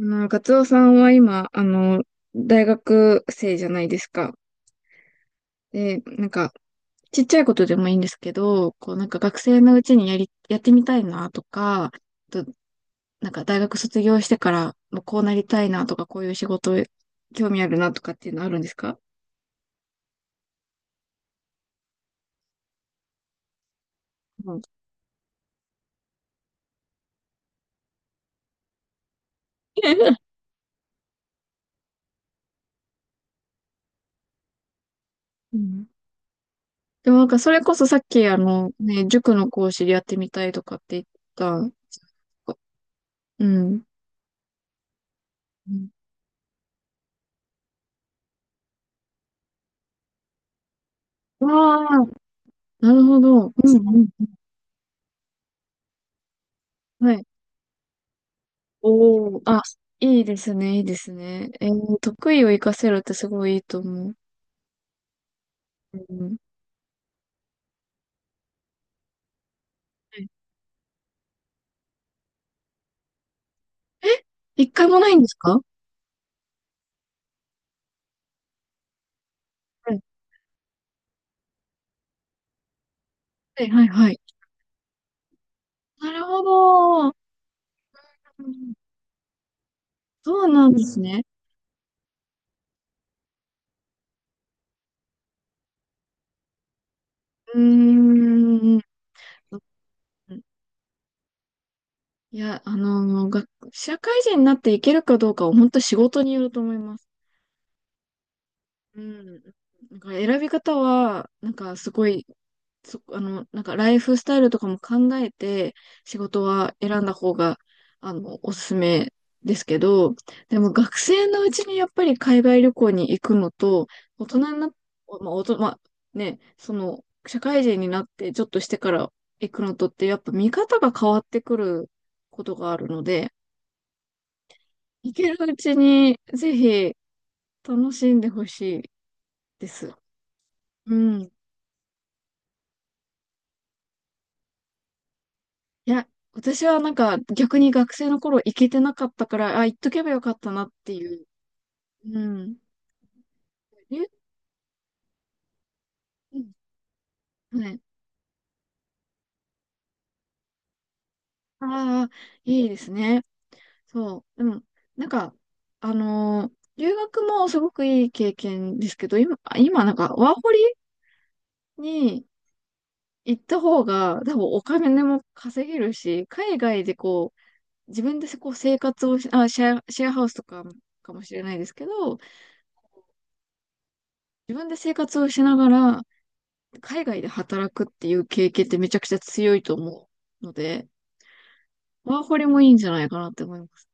ガツオさんは今、大学生じゃないですか。で、なんか、ちっちゃいことでもいいんですけど、こう、なんか学生のうちにやってみたいなとか、と、なんか大学卒業してから、もうこうなりたいなとか、こういう仕事、興味あるなとかっていうのあるんですか？うん。うん。でもなんか、それこそさっき、ね、塾の講師でやってみたいとかって言った。うん。うん。わあ、なるほど。うんうん。はい。おお、あ、いいですね、いいですね。得意を活かせるってすごいいいと思う。うん。はい。え、一回もないんですか？はい、はい、はい。はい。なるほど。うん。そうなんですね。うーん。いや、が、社会人になっていけるかどうかは本当仕事によると思います。うん。なんか選び方は、なんかすごい、そ、あの、なんかライフスタイルとかも考えて仕事は選んだ方が、あの、おすすめですけど、でも学生のうちにやっぱり海外旅行に行くのと、大人になっ、まあ、まあ、ね、その、社会人になってちょっとしてから行くのとって、やっぱ見方が変わってくることがあるので、行けるうちにぜひ楽しんでほしいです。うん。いや、私はなんか逆に学生の頃行けてなかったから、あ、行っとけばよかったなっていう。うん。え、うん。はい。ああ、いいですね。そう。うん。なんか、留学もすごくいい経験ですけど、今、今なんかワーホリに行った方が多分お金も稼げるし、海外でこう、自分でこう生活をし、あ、シェアハウスとかかもしれないですけど、自分で生活をしながら、海外で働くっていう経験ってめちゃくちゃ強いと思うので、ワーホリもいいんじゃないかなって思います。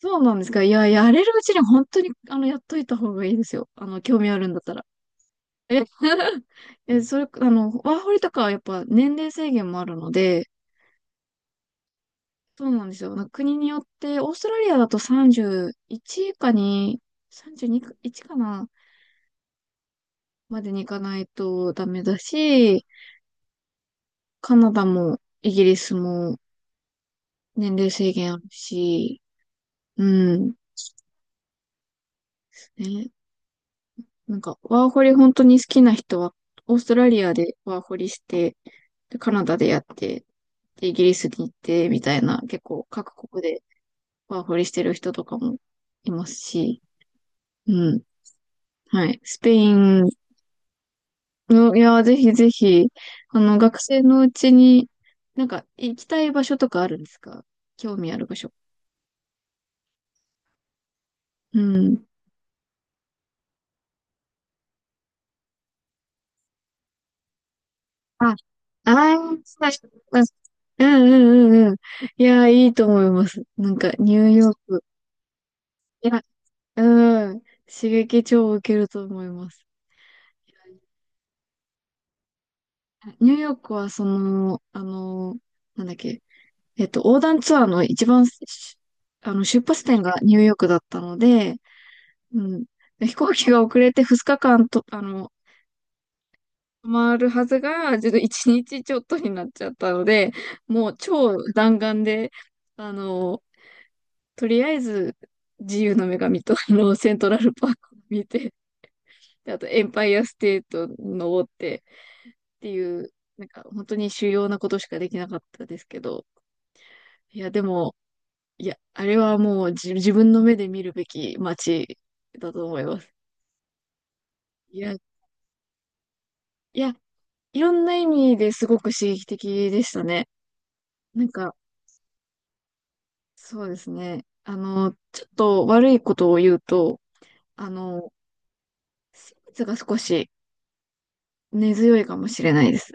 そうなんですか。いや、やれるうちに本当に、あの、やっといた方がいいですよ。あの、興味あるんだったら。え、え、それ、あの、ワーホリとかはやっぱ年齢制限もあるので、そうなんですよ。なんか国によって、オーストラリアだと31以下に、32か、1かな、までに行かないとダメだし、カナダもイギリスも年齢制限あるし、うん。ね、なんか、ワーホリ本当に好きな人は、オーストラリアでワーホリして、で、カナダでやって、で、イギリスに行って、みたいな、結構各国でワーホリしてる人とかもいますし、うん。はい。スペインの、いや、ぜひぜひ、あの、学生のうちに、なんか、行きたい場所とかあるんですか？興味ある場所。うん。あ、あーそうです。うんうんうんうん。いやー、いいと思います。なんか、ニューヨーク。いや、うん。刺激超受けると思います。ニューヨークは、その、あの、なんだっけ、横断ツアーの一番、しあの、出発点がニューヨークだったので、うん。飛行機が遅れて2日間と、あの、止まるはずが、ちょっと1日ちょっとになっちゃったので、もう超弾丸で、あの、とりあえず、自由の女神と、あの、セントラルパークを見て、で、あと、エンパイアステート登ってっていう、なんか、本当に主要なことしかできなかったですけど、いや、でも、いや、あれはもう自分の目で見るべき街だと思います。いや、いや、いろんな意味ですごく刺激的でしたね。なんか、そうですね。あの、ちょっと悪いことを言うと、あの、生物が少し根強いかもしれないです。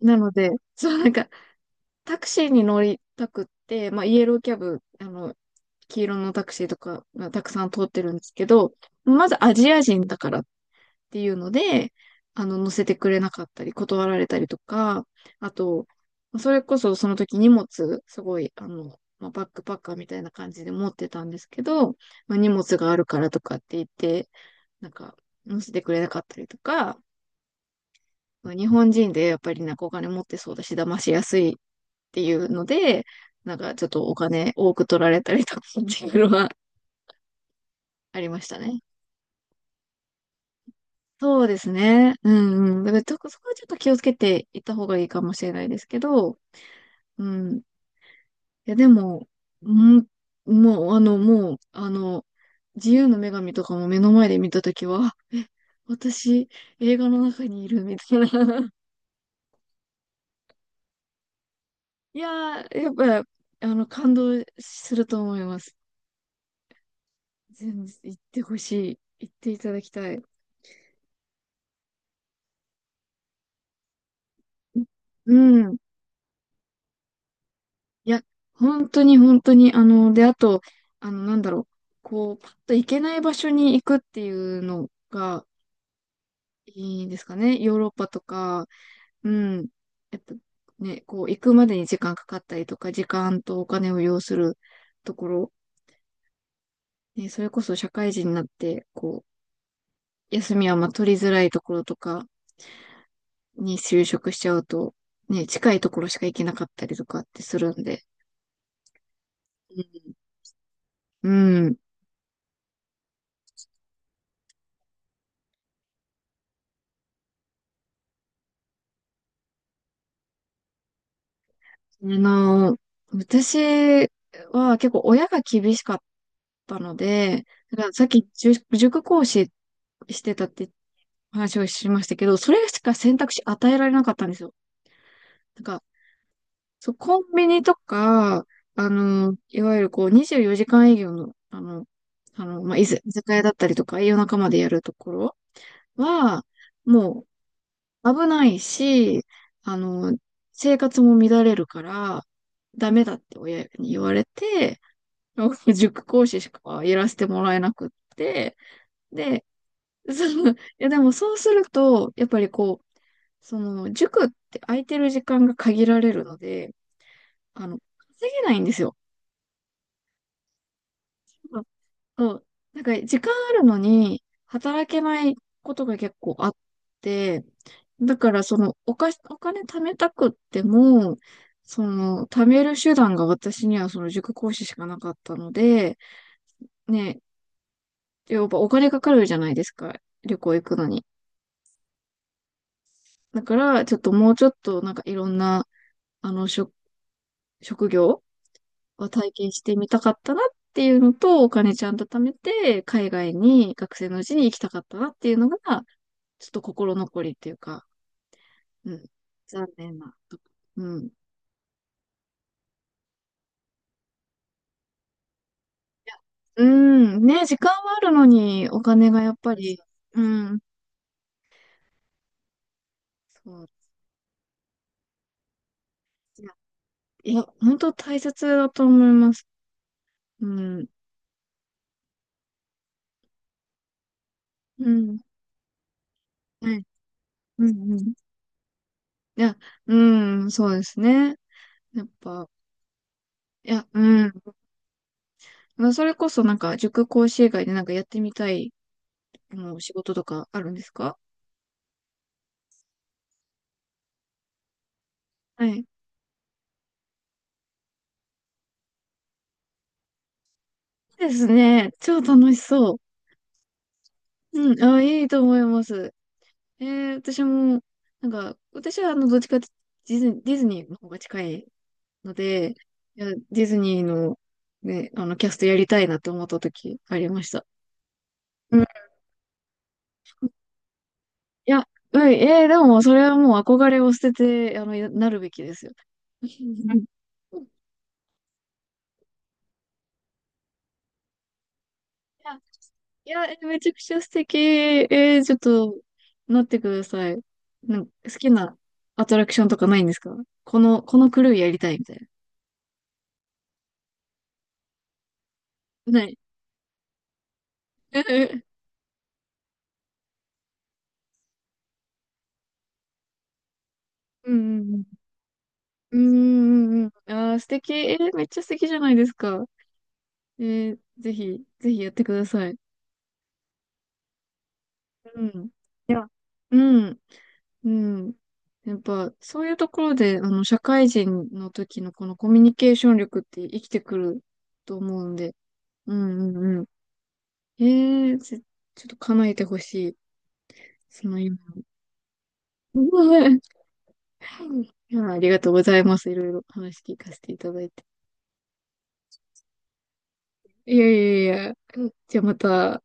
なので、そう、なんか、タクシーに乗りたくって、まあ、イエローキャブ、あの、黄色のタクシーとかがたくさん通ってるんですけど、まずアジア人だからっていうので、あの、乗せてくれなかったり、断られたりとか、あと、それこそその時荷物、すごい、あの、まあ、バックパッカーみたいな感じで持ってたんですけど、まあ、荷物があるからとかって言って、なんか、乗せてくれなかったりとか、まあ日本人でやっぱりなんかお金持ってそうだし、騙しやすいっていうので、なんかちょっとお金多く取られたりとかっていうのはありましたね。そうですね。うんうん。だからちょっとそこはちょっと気をつけていった方がいいかもしれないですけど、うん。いやでも、うん、もうあの、自由の女神とかも目の前で見たときは、あえ、私、映画の中にいるみたいな。いやー、やっぱ、あの、感動すると思います。全然行ってほしい。行っていただきたい。うん。いや、本当に本当に、あの、で、あと、あの、なんだろう、こう、パッと行けない場所に行くっていうのがいいですかね。ヨーロッパとか、うん、やっぱね、こう、行くまでに時間かかったりとか、時間とお金を要するところ、ね、それこそ社会人になって、こう、休みはまあ取りづらいところとかに就職しちゃうと、ね、近いところしか行けなかったりとかってするんで、うん、うん。あの、私は結構親が厳しかったので、だからさっき塾講師してたって話をしましたけど、それしか選択肢与えられなかったんですよ。なんか、そう、コンビニとか、いわゆるこう24時間営業の、あの、まあ、居酒屋だったりとか、夜中までやるところは、もう危ないし、あの、生活も乱れるから、ダメだって親に言われて、塾講師しかやらせてもらえなくって、で、その、いやでもそうすると、やっぱりこう、その、塾って空いてる時間が限られるので、あの、稼げないんですよ。うん。そう。なんか、時間あるのに、働けないことが結構あって、だから、その、お金貯めたくっても、その、貯める手段が私にはその塾講師しかなかったので、ね、やっぱお金かかるじゃないですか。旅行行くのに。だから、ちょっともうちょっとなんかいろんな、あの、職業は体験してみたかったなっていうのと、お金ちゃんと貯めて、海外に学生のうちに行きたかったなっていうのが、ちょっと心残りっていうか、うん。残念なとこ。うん。うん。ね、時間はあるのに、お金がやっぱり、うん。そう。いや、いや、本当大切だと思います。うん。うん。はい。うんうん。いや、うん、そうですね。やっぱ、いや、うん。まあ、それこそなんか、塾講師以外でなんかやってみたい、もう仕事とかあるんですか？はい。ですね。超楽しそう。うん、あ、いいと思います。えー、私も、なんか、私はあの、どっちかってディズニーの方が近いので、いや、ディズニーの、ね、あの、キャストやりたいなって思った時ありました。うん、いや、うん、えーでも、それはもう憧れを捨てて、あの、なるべきですよ。うん。いや、いや、えめちゃくちゃ素敵。えーちょっと、なってください。なんか好きなアトラクションとかないんですか？このクルーやりたいみたいな。ない。うんうんうん。うんうんうん。ああ、素敵。えーめっちゃ素敵じゃないですか。えーぜひ、ぜひやってください。うん。うん。うん。やっぱ、そういうところで、あの、社会人の時のこのコミュニケーション力って生きてくると思うんで、うんうんうん。ええち、ちょっと叶えてほしい。その夢。うん。 いや、ありがとうございます。いろいろ話聞かせていただいて。いやいやいや。じゃあまた、